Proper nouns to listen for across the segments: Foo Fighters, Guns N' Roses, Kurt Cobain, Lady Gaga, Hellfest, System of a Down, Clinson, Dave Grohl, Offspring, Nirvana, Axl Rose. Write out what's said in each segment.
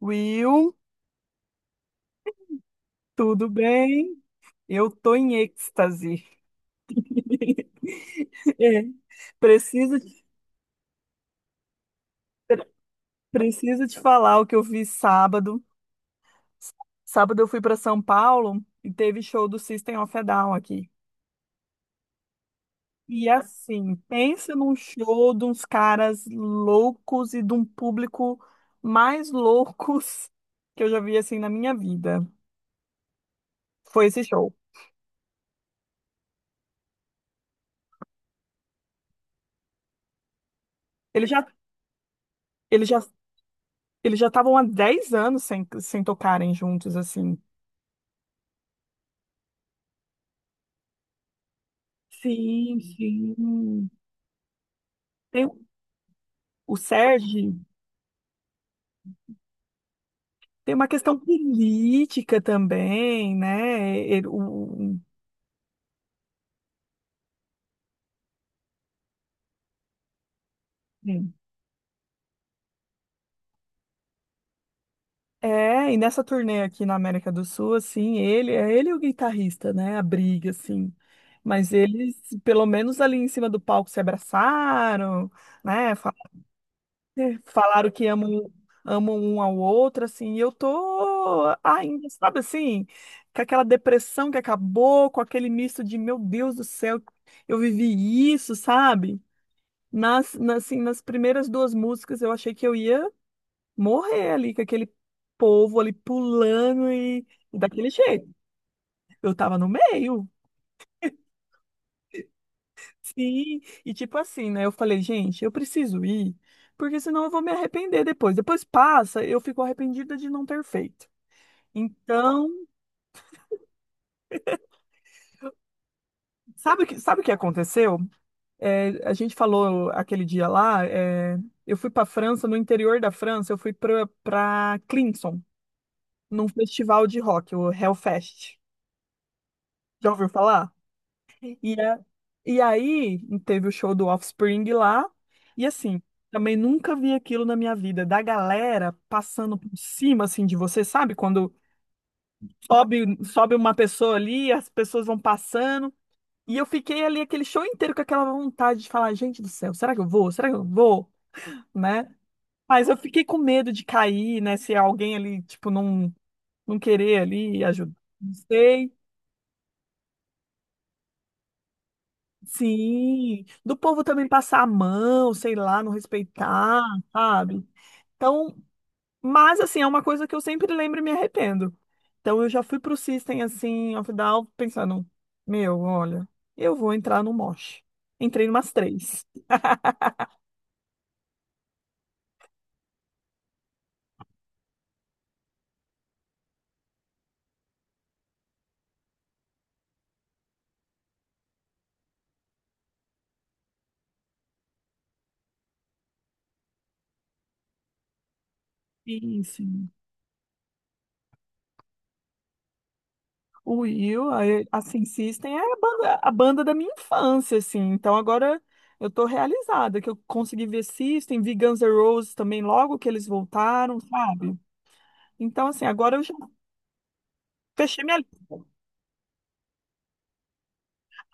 Will, tudo bem? Eu tô em êxtase. É. Preciso, te- pre- preciso te falar o que eu vi sábado. Sábado eu fui para São Paulo e teve show do System of a Down aqui. E assim, pensa num show de uns caras loucos e de um público mais loucos que eu já vi assim na minha vida. Foi esse show. Eles já, eles já, eles já estavam há 10 anos sem tocarem juntos assim. Sim, sim. Tem, o Sérgio tem uma questão política também, né? Sim. É, e nessa turnê aqui na América do Sul, assim, ele é ele e o guitarrista, né? A briga, assim. Mas eles, pelo menos ali em cima do palco, se abraçaram, né? Falaram que amam, amam um ao outro, assim, e eu tô ainda, sabe assim, com aquela depressão que acabou, com aquele misto de, meu Deus do céu, eu vivi isso, sabe? Assim, nas primeiras duas músicas eu achei que eu ia morrer ali, com aquele povo ali pulando e daquele jeito. Eu tava no meio, sim, e tipo assim, né? Eu falei, gente, eu preciso ir, porque senão eu vou me arrepender depois. Depois passa, eu fico arrependida de não ter feito. Então, sabe o que aconteceu? É, a gente falou aquele dia lá, eu fui para França, no interior da França, eu fui para Clinson, num festival de rock, o Hellfest. Já ouviu falar? E, é- e aí teve o show do Offspring lá, e assim, também nunca vi aquilo na minha vida, da galera passando por cima assim de você, sabe? Quando sobe uma pessoa ali, as pessoas vão passando. E eu fiquei ali aquele show inteiro com aquela vontade de falar, gente do céu, será que eu vou? Será que eu vou? Né? Mas eu fiquei com medo de cair, né? Se alguém ali, tipo, não querer ali ajudar. Não sei. Sim. Do povo também passar a mão, sei lá, não respeitar, sabe? Então, mas assim, é uma coisa que eu sempre lembro e me arrependo. Então eu já fui pro System, assim, of a Down, pensando, meu, olha, eu vou entrar no mosh. Entrei numas três. Isso. O Will, assim, System é a banda da minha infância, assim. Então agora eu tô realizada que eu consegui ver System, vi Guns N' Roses também logo que eles voltaram, sabe? Então, assim, agora eu já fechei minha lista.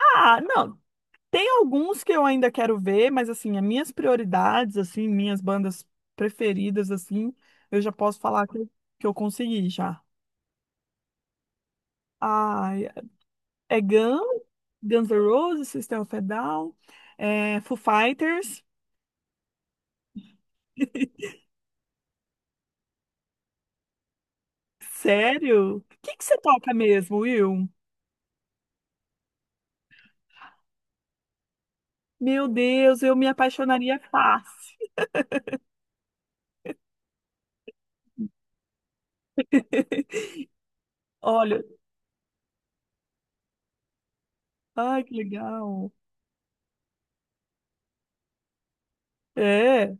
Ah, não, tem alguns que eu ainda quero ver, mas assim, as minhas prioridades, assim, minhas bandas preferidas, assim, eu já posso falar que eu consegui já. Ah, é Guns, Guns N' Roses, System of a Down, é Foo Fighters. Sério? O que que você toca mesmo, Will? Meu Deus, eu me apaixonaria fácil. Olha, ai, que legal. É,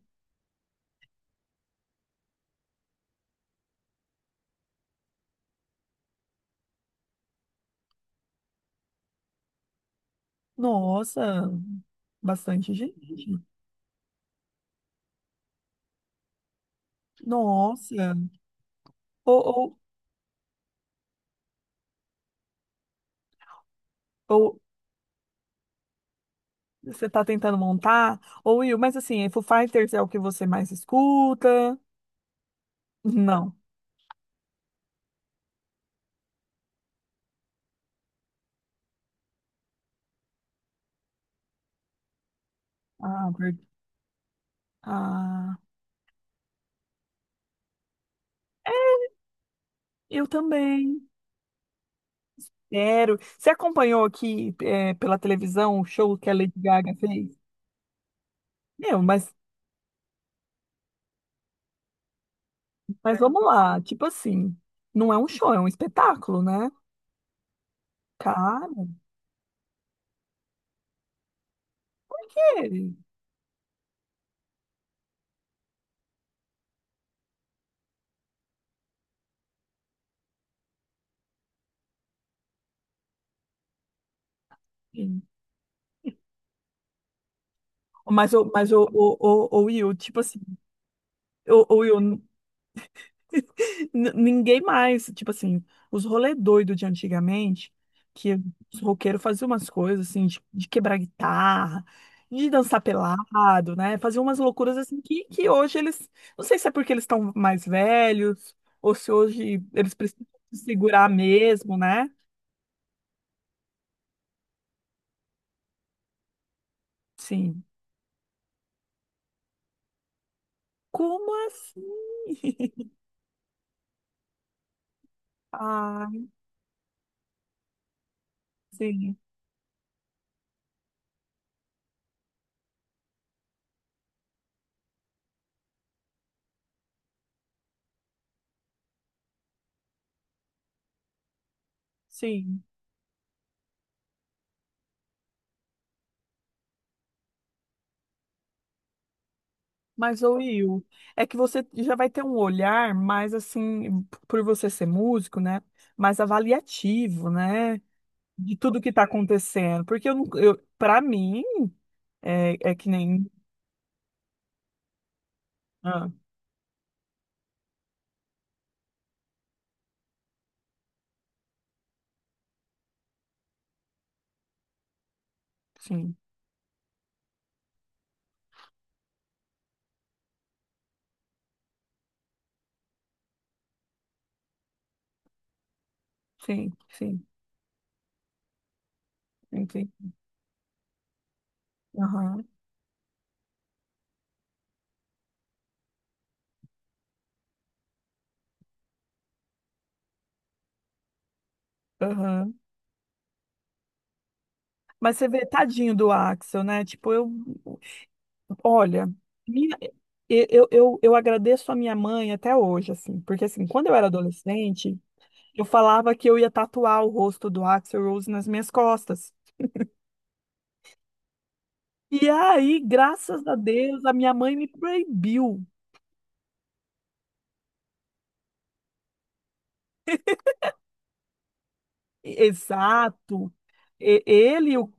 nossa, bastante gente. Nossa. Ou, ou, ou você está tentando montar? Ou Will, mas assim, é Foo Fighters é o que você mais escuta? Não. Ah, ah, é, eu também. Sério. Você acompanhou aqui, pela televisão o show que a Lady Gaga fez? Meu, mas vamos lá, tipo assim, não é um show, é um espetáculo, né? Cara, é, enfim. Mas o Will, tipo assim, o Will, ninguém mais, tipo assim, os rolê doido de antigamente, que os roqueiros faziam umas coisas assim, de quebrar guitarra, de dançar pelado, né? Faziam umas loucuras assim que hoje eles, não sei se é porque eles estão mais velhos, ou se hoje eles precisam se segurar mesmo, né? Sim. Como assim? Ah, sim, sim. Mas, ô Will, é que você já vai ter um olhar mais assim, por você ser músico, né? Mais avaliativo, né? De tudo que tá acontecendo. Porque eu não, eu, para mim, é que nem. Ah, sim, sim, sim, sim, sim. Aham, aham. Mas você vê, tadinho do Axel, né? Tipo, eu. Olha, minha- eu agradeço a minha mãe até hoje, assim, porque assim, quando eu era adolescente, eu falava que eu ia tatuar o rosto do Axl Rose nas minhas costas. E aí, graças a Deus, a minha mãe me proibiu. Exato. E- Ele, e o,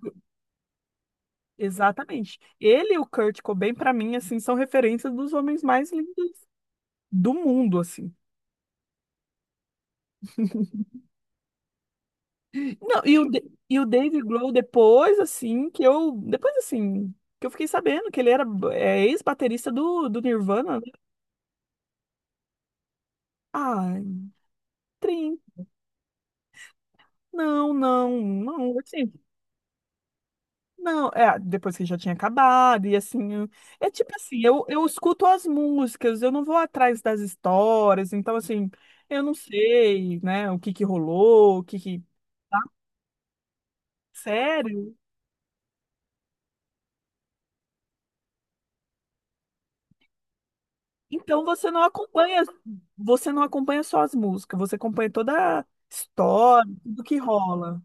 exatamente. Ele e o Kurt Cobain, para mim, assim, são referências dos homens mais lindos do mundo, assim. Não, e o Dave Grohl depois, assim, que eu. Depois, assim, que eu fiquei sabendo que ele era ex-baterista do Nirvana. Ah, trim. Não, não, não, assim, não, depois que já tinha acabado, e assim, é tipo assim, eu escuto as músicas, eu não vou atrás das histórias, então assim, eu não sei, né, o que que rolou, o que que... Tá? Sério? Então você não acompanha só as músicas, você acompanha toda a história, tudo que rola.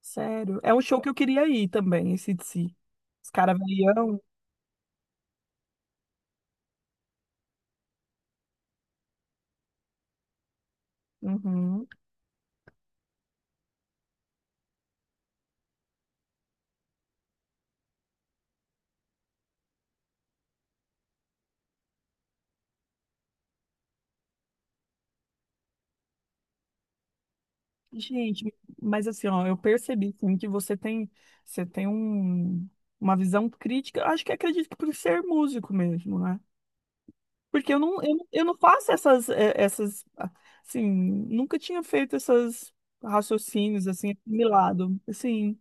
Sério. É um show que eu queria ir também, esse DC. Os caras. Uhum. Gente, mas assim, ó, eu percebi sim, que você tem uma visão crítica. Eu acho que acredito que por ser músico mesmo, né? Porque eu não, eu, eu não faço essas, essas, assim, nunca tinha feito essas raciocínios assim, assimilado. Assim.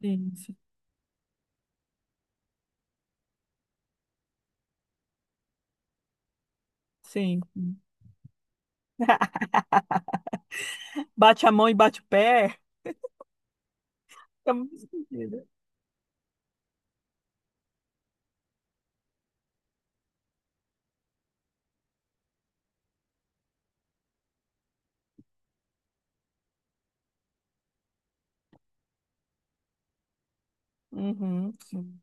Sim, sim, sim. Bate a mão e bate o pé. É muito sentido. Uhum, sim,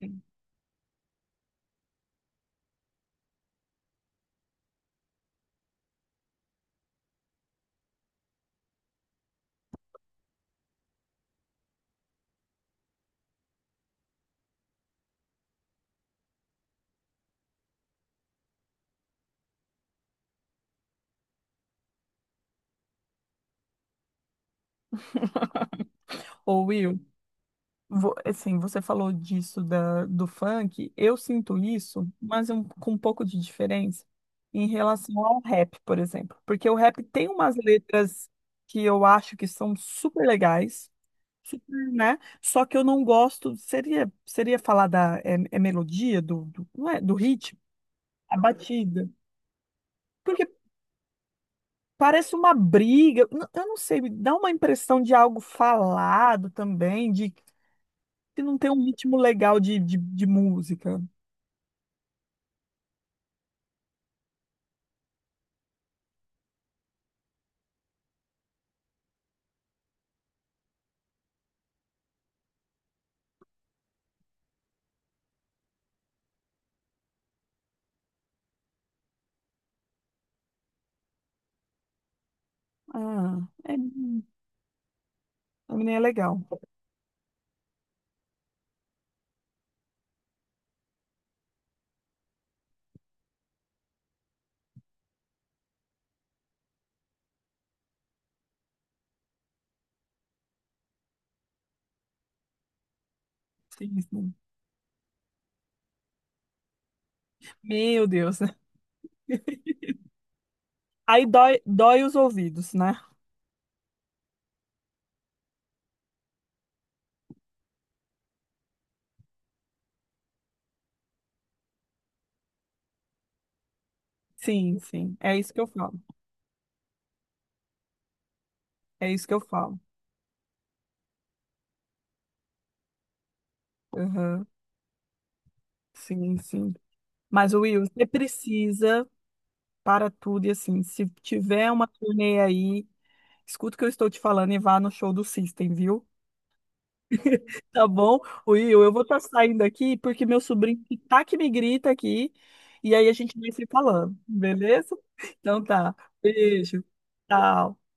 sim. Ô, Will, assim, você falou disso da, do funk. Eu sinto isso, mas com um pouco de diferença em relação ao rap, por exemplo. Porque o rap tem umas letras que eu acho que são super legais, super, né? Só que eu não gosto. Seria falar da é melodia, não é, do ritmo, a batida. Parece uma briga. Eu não sei, me dá uma impressão de algo falado também, de que não tem um ritmo legal de música. Ah, é, também é legal. Sim, sim. Meu Deus. Aí dói, dói os ouvidos, né? Sim, sim. É isso que eu falo. É isso que eu falo. Aham. Sim, sim. Mas, Will, você precisa para tudo e assim, se tiver uma turnê aí, escuta o que eu estou te falando e vá no show do System, viu? Tá bom? Will, eu vou estar saindo aqui porque meu sobrinho que tá que me grita aqui. E aí a gente vai se falando, beleza? Então tá. Beijo. Tchau.